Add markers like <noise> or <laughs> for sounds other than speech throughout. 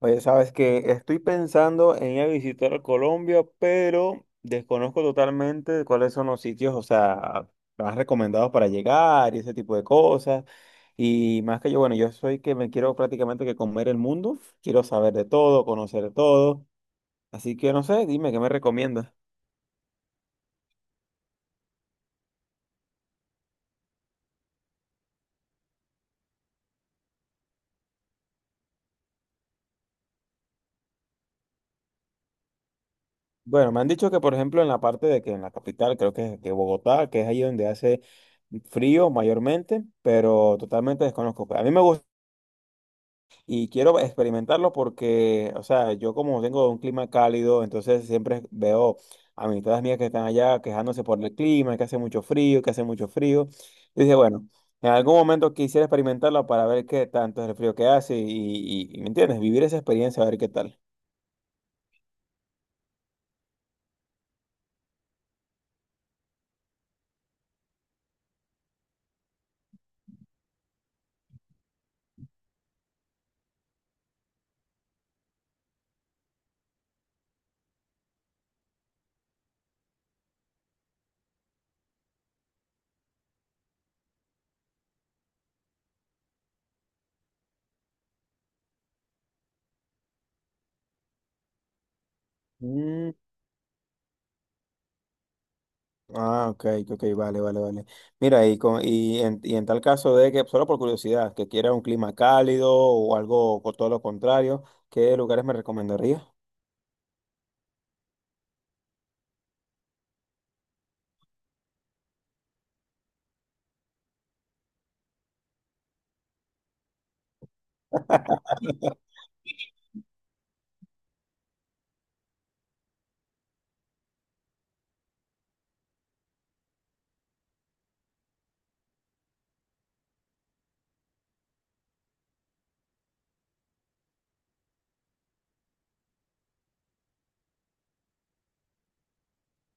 Oye, sabes que estoy pensando en ir a visitar a Colombia, pero desconozco totalmente cuáles son los sitios, o sea, más recomendados para llegar y ese tipo de cosas. Y más que yo, bueno, yo soy que me quiero prácticamente que comer el mundo, quiero saber de todo, conocer de todo. Así que no sé, dime, ¿qué me recomiendas? Bueno, me han dicho que, por ejemplo, en la parte de que en la capital, creo que Bogotá, que es ahí donde hace frío mayormente, pero totalmente desconozco. A mí me gusta. Y quiero experimentarlo porque, o sea, yo como tengo un clima cálido, entonces siempre veo a amistades mías que están allá quejándose por el clima, que hace mucho frío, que hace mucho frío. Y dije, bueno, en algún momento quisiera experimentarlo para ver qué tanto es el frío que hace ¿me entiendes? Vivir esa experiencia, a ver qué tal. Mm, ah, ok, ok, vale, vale, vale. Mira, y en tal caso de que, solo por curiosidad, que quiera un clima cálido o algo, o todo lo contrario, ¿qué lugares me recomendarías?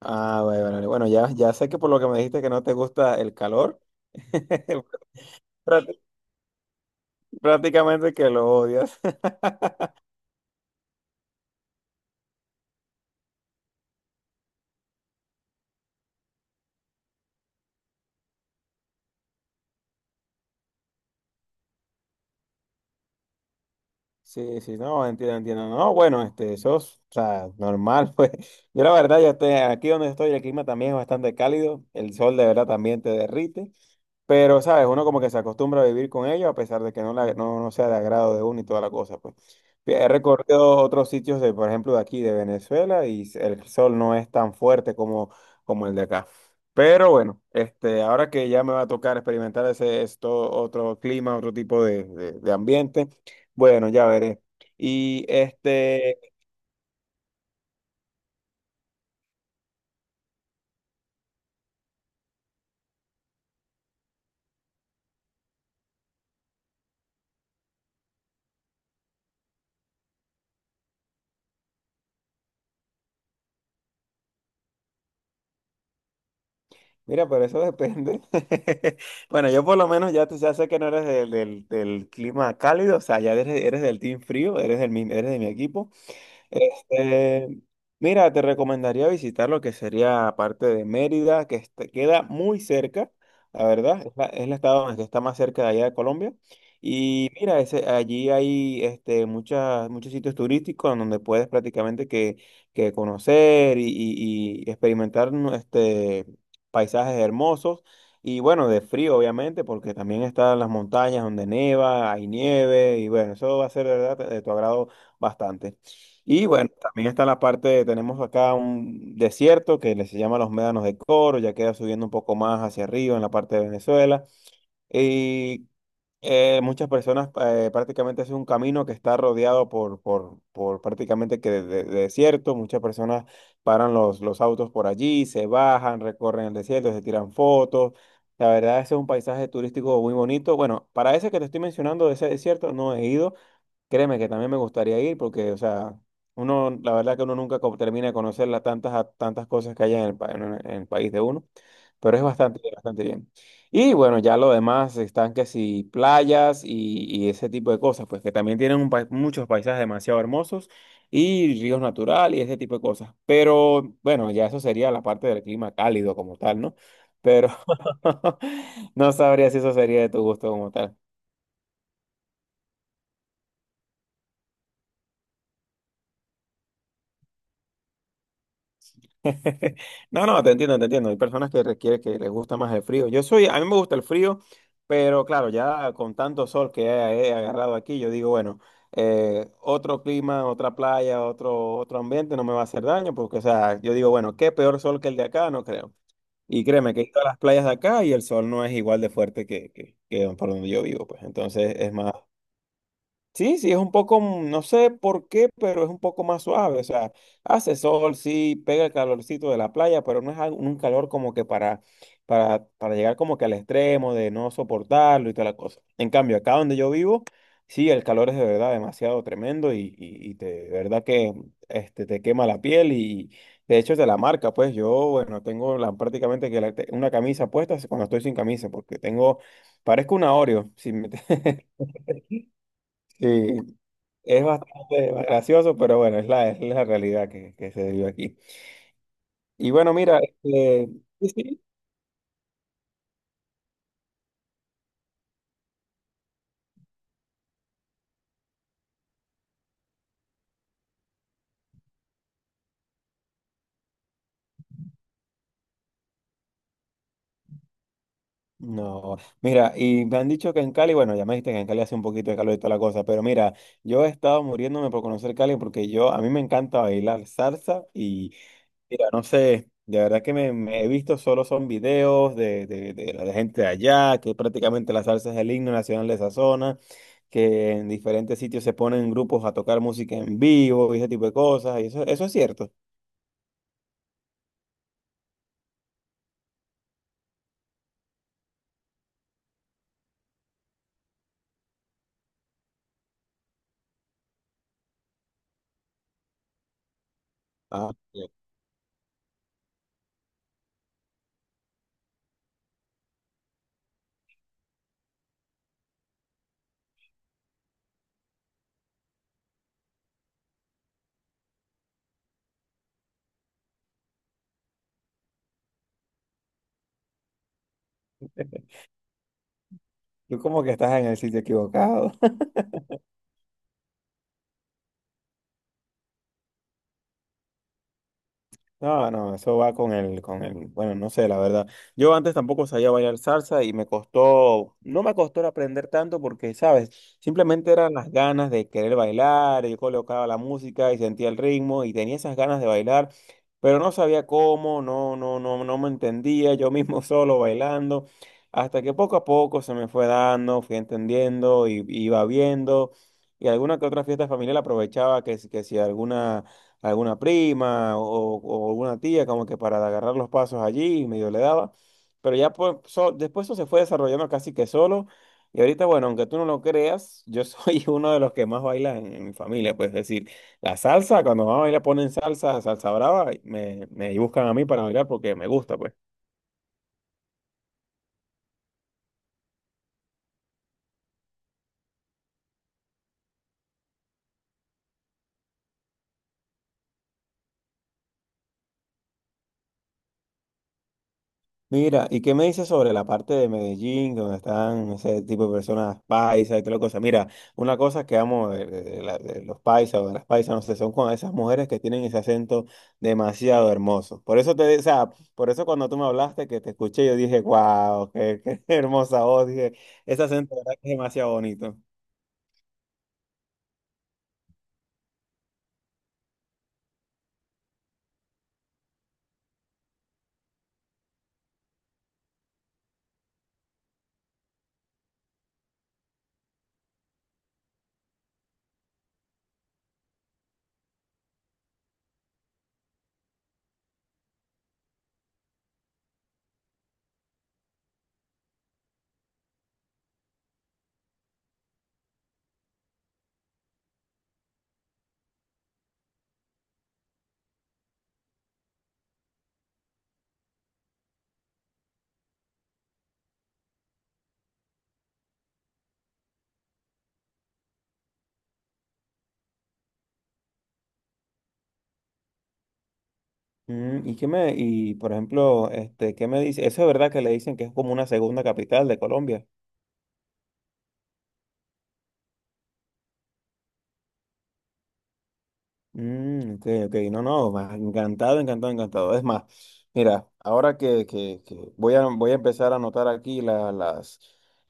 Ah, vale, vale, vale. Bueno, ya sé que por lo que me dijiste que no te gusta el calor, <laughs> prácti- prácticamente que lo odias. <laughs> Sí, sí, no, entiendo, entiendo. No, bueno, este, eso es, o sea, normal, <laughs> pues. Yo la verdad, yo estoy aquí donde estoy, el clima también es bastante cálido, el sol de verdad también te derrite, pero, ¿sabes? Uno como que se acostumbra a vivir con ello, a pesar de que no sea de agrado de uno y toda la cosa, pues. He recorrido otros sitios de, por ejemplo, de aquí, de Venezuela, y el sol no es tan fuerte como el de acá. Pero bueno, este, ahora que ya me va a tocar experimentar ese, esto, otro clima, otro tipo de ambiente. Bueno, ya veré. Y este, mira, pero eso depende. <laughs> Bueno, yo por lo menos ya, tú ya sé que no eres del clima cálido, o sea, ya eres del team frío, eres de mi equipo. Este, mira, te recomendaría visitar lo que sería parte de Mérida, que queda muy cerca, la verdad, es el estado donde está más cerca de allá de Colombia. Y mira, ese, allí hay muchas, muchos sitios turísticos en donde puedes prácticamente que conocer y experimentar ¿no? Paisajes hermosos. Y bueno, de frío, obviamente, porque también están las montañas donde neva, hay nieve, y bueno, eso va a ser de verdad de tu agrado bastante. Y bueno, también está la parte, tenemos acá un desierto que se llama los Médanos de Coro, ya queda subiendo un poco más hacia arriba en la parte de Venezuela. Y muchas personas prácticamente es un camino que está rodeado por prácticamente que de desierto. Muchas personas paran los autos por allí, se bajan, recorren el desierto, se tiran fotos. La verdad, ese es un paisaje turístico muy bonito. Bueno, para ese que te estoy mencionando, de ese desierto, no he ido. Créeme que también me gustaría ir porque, o sea, uno, la verdad que uno nunca termina de conocer las tantas cosas que hay en el, pa- en el país de uno, pero es bastante, bastante bien. Y bueno, ya lo demás están que si playas y ese tipo de cosas, pues que también tienen muchos paisajes demasiado hermosos y ríos naturales y ese tipo de cosas. Pero bueno, ya eso sería la parte del clima cálido como tal, ¿no? Pero <laughs> no sabría si eso sería de tu gusto como tal. <laughs> No, no, te entiendo, te entiendo. Hay personas que requiere que les gusta más el frío. Yo soy, a mí me gusta el frío, pero claro, ya con tanto sol que he agarrado aquí, yo digo, bueno, otro clima, otra playa, otro ambiente no me va a hacer daño, porque, o sea, yo digo, bueno, qué peor sol que el de acá, no creo. Y créeme que he ido a las playas de acá y el sol no es igual de fuerte que por donde yo vivo, pues. Entonces es más, sí, sí, es un poco, no sé por qué, pero es un poco más suave. O sea, hace sol, sí, pega el calorcito de la playa, pero no es un calor como que para llegar como que al extremo de no soportarlo y toda la cosa. En cambio, acá donde yo vivo, sí, el calor es de verdad demasiado tremendo de verdad que te quema la piel y de hecho es de la marca. Pues yo, bueno, tengo la, prácticamente que una camisa puesta cuando estoy sin camisa, porque parezco un Oreo. Si me, <laughs> sí, es bastante gracioso, pero bueno, es la realidad que se vive aquí. Y bueno, mira, sí, sí, no, mira, y me han dicho que en Cali, bueno, ya me dijiste que en Cali hace un poquito de calor y toda la cosa, pero mira, yo he estado muriéndome por conocer Cali porque a mí me encanta bailar salsa y mira, no sé, de verdad que me he visto solo son videos de la gente de allá, que prácticamente la salsa es el himno nacional de esa zona, que en diferentes sitios se ponen grupos a tocar música en vivo y ese tipo de cosas, y eso es cierto. Ah, ok. Tú como que estás en el sitio equivocado. No, no, eso va con el, bueno, no sé, la verdad. Yo antes tampoco sabía bailar salsa y me costó, no me costó aprender tanto porque, ¿sabes? Simplemente eran las ganas de querer bailar, yo colocaba la música y sentía el ritmo y tenía esas ganas de bailar, pero no sabía cómo, no, no, no, no me entendía, yo mismo <laughs> solo bailando, hasta que poco a poco se me fue dando, fui entendiendo y iba viendo. Y alguna que otra fiesta familiar aprovechaba que, que si alguna prima o alguna tía, como que para agarrar los pasos allí, y medio le daba. Pero ya pues, después eso se fue desarrollando casi que solo. Y ahorita, bueno, aunque tú no lo creas, yo soy <laughs> uno de los que más baila en mi familia. Pues es decir, la salsa, cuando vamos a bailar ponen salsa, salsa brava, y me buscan a mí para bailar porque me gusta, pues. Mira, ¿y qué me dices sobre la parte de Medellín, donde están ese tipo de personas paisas y toda la cosa? Mira, una cosa que amo de los paisas o de las paisas, no sé, son con esas mujeres que tienen ese acento demasiado hermoso. O sea, por eso cuando tú me hablaste, que te escuché, yo dije, wow, qué <laughs> hermosa voz, dije, ese acento de verdad que es demasiado bonito. ¿Y y por ejemplo, qué me dice? Eso es verdad que le dicen que es como una segunda capital de Colombia. Ok, ok, no, no, encantado, encantado, encantado. Es más, mira, ahora que voy a empezar a anotar aquí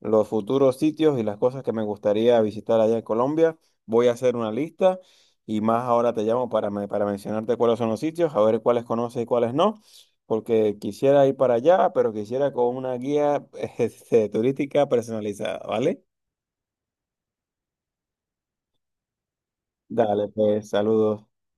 los futuros sitios y las cosas que me gustaría visitar allá en Colombia, voy a hacer una lista y más ahora te llamo para mencionarte cuáles son los sitios, a ver cuáles conoces y cuáles no, porque quisiera ir para allá, pero quisiera con una guía <laughs> turística personalizada, ¿vale? Dale, pues, saludos.